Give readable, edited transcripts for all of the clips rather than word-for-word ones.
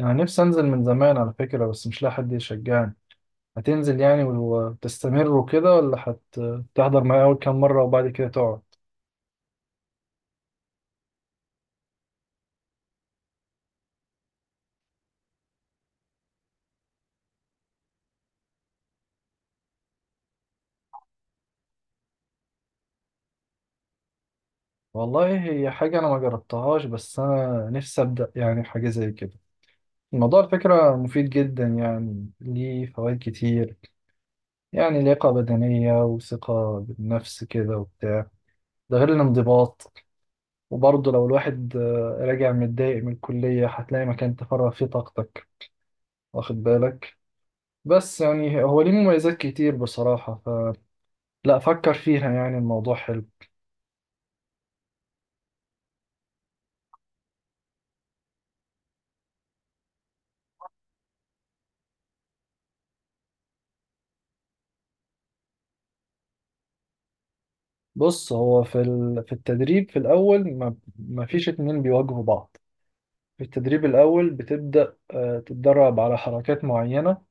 أنا نفسي أنزل من زمان على فكرة، بس مش لاقي حد يشجعني. هتنزل يعني وتستمر وكده ولا هتحضر معايا أول كام مرة وبعد كده تقعد؟ والله هي حاجة أنا ما جربتهاش، بس أنا نفسي أبدأ يعني حاجة زي كده. الموضوع على فكرة مفيد جدا، يعني ليه فوائد كتير. يعني لياقة بدنية وثقة بالنفس كده وبتاع. ده غير الانضباط. وبرضه لو الواحد راجع متضايق من الكلية هتلاقي مكان تفرغ فيه طاقتك، واخد بالك. بس يعني هو ليه مميزات كتير بصراحة. فلا فكر فيها، يعني الموضوع حلو. بص، هو في التدريب في الأول ما فيش اتنين بيواجهوا بعض. في التدريب الأول بتبدأ تتدرب على حركات معينة،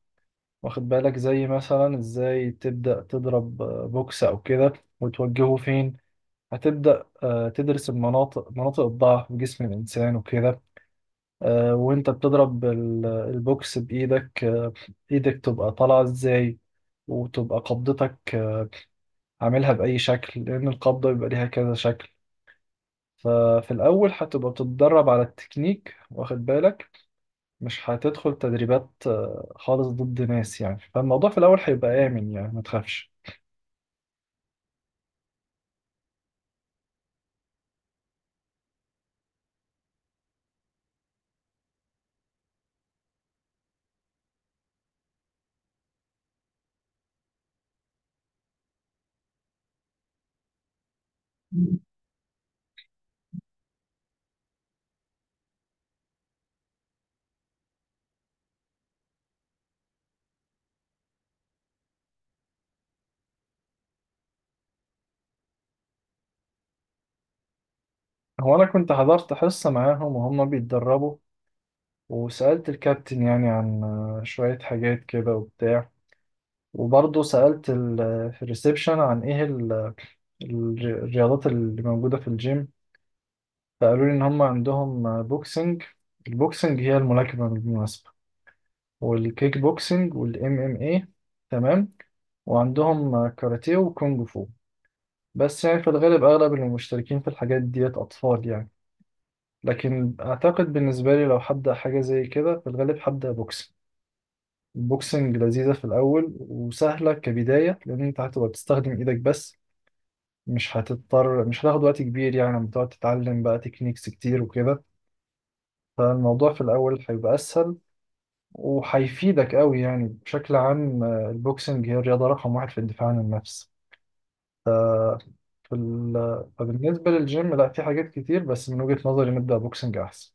واخد بالك، زي مثلا ازاي تبدأ تضرب بوكس أو كده، وتوجهه فين. هتبدأ تدرس المناطق، مناطق الضعف في جسم الإنسان وكده. وانت بتضرب البوكس بايدك، ايدك تبقى طالعه ازاي، وتبقى قبضتك عاملها باي شكل، لان القبضه بيبقى ليها كذا شكل. ففي الاول هتبقى بتتدرب على التكنيك، واخد بالك. مش هتدخل تدريبات خالص ضد ناس يعني، فالموضوع في الاول هيبقى امن يعني، ما تخافش. هو انا كنت حضرت حصه معاهم وهم بيتدربوا، وسألت الكابتن يعني عن شوية حاجات كده وبتاع. وبرضه سألت في الريسبشن عن ايه الرياضات اللي موجودة في الجيم. فقالوا لي ان هم عندهم بوكسنج. البوكسنج هي الملاكمة بالمناسبة، والكيك بوكسنج والام ام اي. تمام. وعندهم كاراتيه وكونج فو. بس يعني في الغالب اغلب اللي مشتركين في الحاجات ديت اطفال يعني. لكن اعتقد بالنسبة لي لو هبدأ حاجة زي كده في الغالب هبدأ بوكسنج. البوكسنج لذيذة في الأول وسهلة كبداية، لأن أنت هتبقى بتستخدم إيدك بس. مش هتضطر، مش هتاخد وقت كبير يعني، لما تقعد تتعلم بقى تكنيكس كتير وكده. فالموضوع في الأول هيبقى أسهل وهيفيدك قوي يعني. بشكل عام البوكسنج هي الرياضة رقم واحد في الدفاع عن النفس في ال... فبالنسبة للجيم، لا في حاجات كتير بس من وجهة نظري نبدأ بوكسنج أحسن.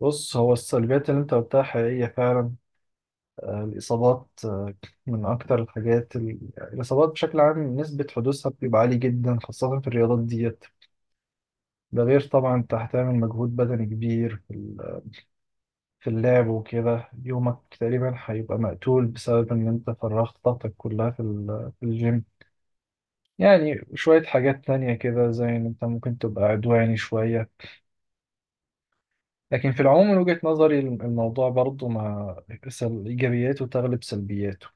بص، هو السلبيات اللي انت قلتها حقيقية فعلا. الإصابات، من أكتر الحاجات الإصابات بشكل عام نسبة حدوثها بتبقى عالية جدا خاصة في الرياضات دي. ده غير طبعا انت هتعمل مجهود بدني كبير في اللعب وكده. يومك تقريبا هيبقى مقتول بسبب ان انت فرغت طاقتك كلها في الجيم. يعني شوية حاجات تانية كده زي ان انت ممكن تبقى عدواني شوية. لكن في العموم من وجهة نظري الموضوع برضو مع ايجابياته تغلب سلبياته.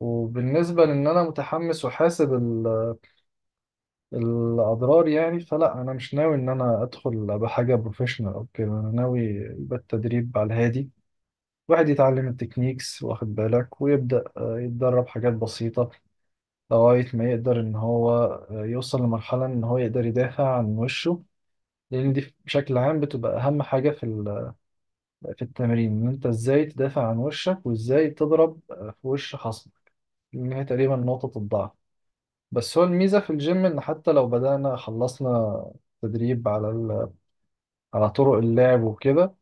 وبالنسبة لان انا متحمس وحاسب الاضرار يعني، فلا انا مش ناوي ان انا ادخل بحاجة بروفيشنال او كده، انا ناوي يبقى التدريب على الهادي. الواحد يتعلم التكنيكس، واخد بالك، ويبدأ يتدرب حاجات بسيطة، لغاية ما يقدر إن هو يوصل لمرحلة إن هو يقدر يدافع عن وشه. لأن دي بشكل عام بتبقى أهم حاجة في التمرين، إن أنت إزاي تدافع عن وشك وإزاي تضرب في وش خصمك. إن هي تقريبا نقطة الضعف. بس هو الميزة في الجيم إن حتى لو بدأنا، خلصنا تدريب على على طرق اللعب وكده،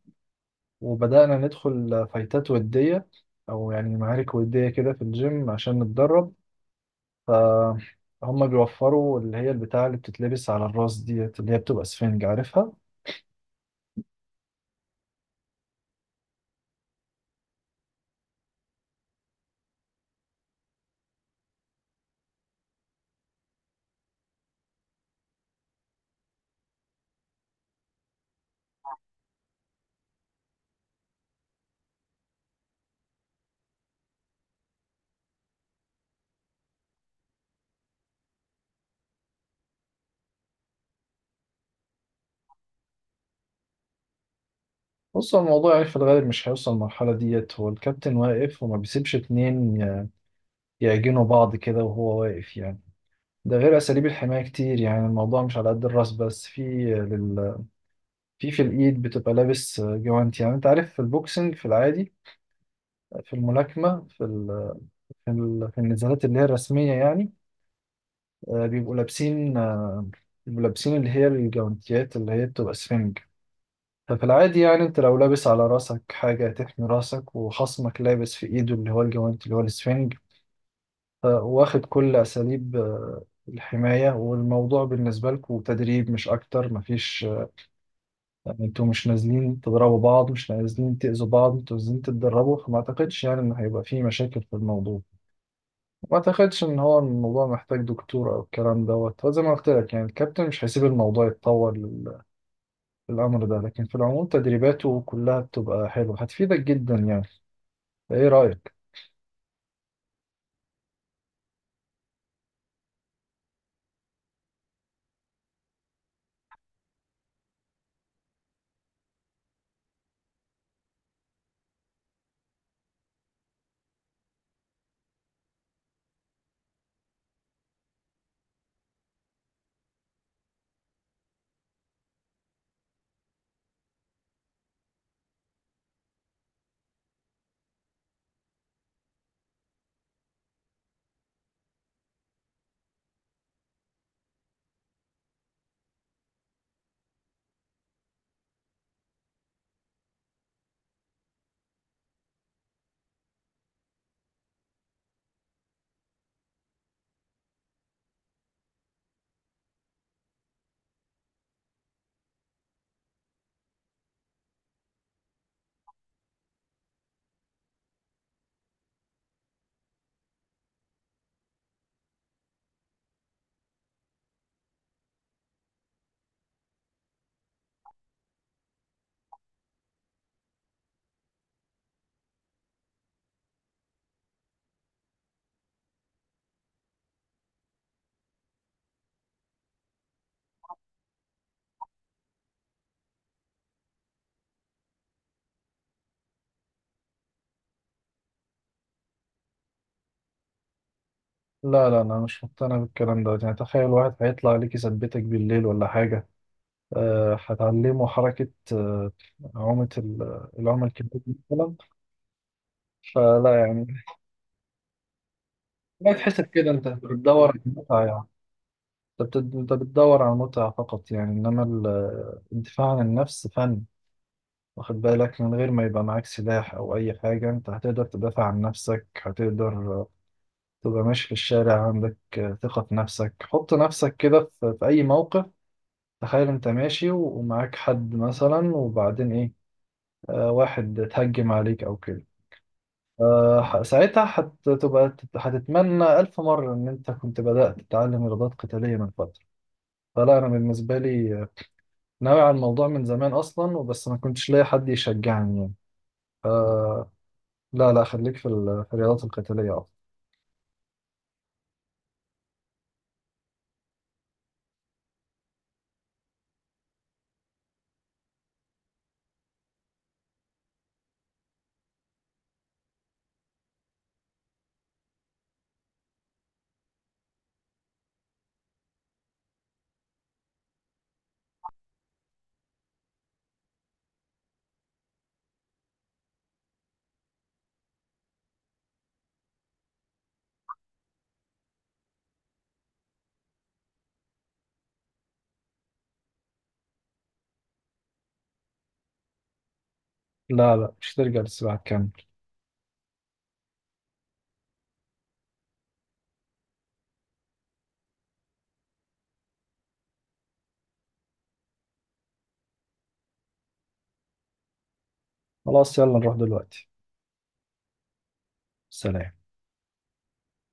وبدأنا ندخل فايتات ودية، أو يعني معارك ودية كده في الجيم عشان نتدرب، فهم بيوفروا اللي هي البتاعة اللي بتتلبس على الراس ديت اللي هي بتبقى سفنج، عارفها. بص، هو الموضوع يعني في الغالب مش هيوصل للمرحلة ديت. هو الكابتن واقف وما بيسيبش اتنين يعجنوا بعض كده وهو واقف يعني. ده غير أساليب الحماية كتير، يعني الموضوع مش على قد الراس بس. في لل... في في الإيد بتبقى لابس جوانت، يعني أنت عارف في البوكسنج في العادي، في الملاكمة في النزالات اللي هي الرسمية يعني، آه، بيبقوا لابسين آه، بيبقوا لابسين اللي هي الجوانتيات اللي هي بتبقى سفنج. ففي العادي يعني انت لو لابس على راسك حاجة تحمي راسك وخصمك لابس في ايده اللي هو الجوانت اللي هو السفنج. واخد كل اساليب الحماية، والموضوع بالنسبة لكم تدريب مش اكتر، مفيش يعني انتوا مش نازلين تضربوا بعض، مش نازلين تأذوا بعض، انتوا نازلين تتدربوا، فما اعتقدش يعني ان هيبقى في مشاكل في الموضوع. ما اعتقدش ان هو الموضوع محتاج دكتور او الكلام دوت. هو زي ما قلت لك يعني الكابتن مش هيسيب الموضوع يتطور للامر ده. لكن في العموم تدريباته كلها بتبقى حلوه، هتفيدك جدا يعني. ايه رايك؟ لا لا، انا مش مقتنع بالكلام دوت. يعني تخيل واحد هيطلع لك يثبتك بالليل ولا حاجه، أه هتعلمه حركه عومه العومه الكبيره مثلا. فلا يعني. ما تحسب كده، انت بتدور على المتعه يعني. أنت بتدور على المتعه فقط يعني، انما الدفاع عن النفس فن، واخد بالك. من غير ما يبقى معاك سلاح أو أي حاجة أنت هتقدر تدافع عن نفسك، هتقدر تبقى ماشي في الشارع عندك ثقة في نفسك. حط نفسك كده في أي موقف. تخيل أنت ماشي ومعاك حد مثلا وبعدين إيه، واحد اتهجم عليك أو كده، ساعتها هتتمنى ألف مرة إن أنت كنت بدأت تتعلم إرادات قتالية من فترة. فلا أنا بالنسبة لي ناوي على الموضوع من زمان أصلا، وبس ما كنتش لاقي حد يشجعني يعني. آه، لا لا، خليك في الرياضات القتالية أفضل. لا لا، مش ترجع للسباحة، تكمل. خلاص يلا نروح دلوقتي. سلام.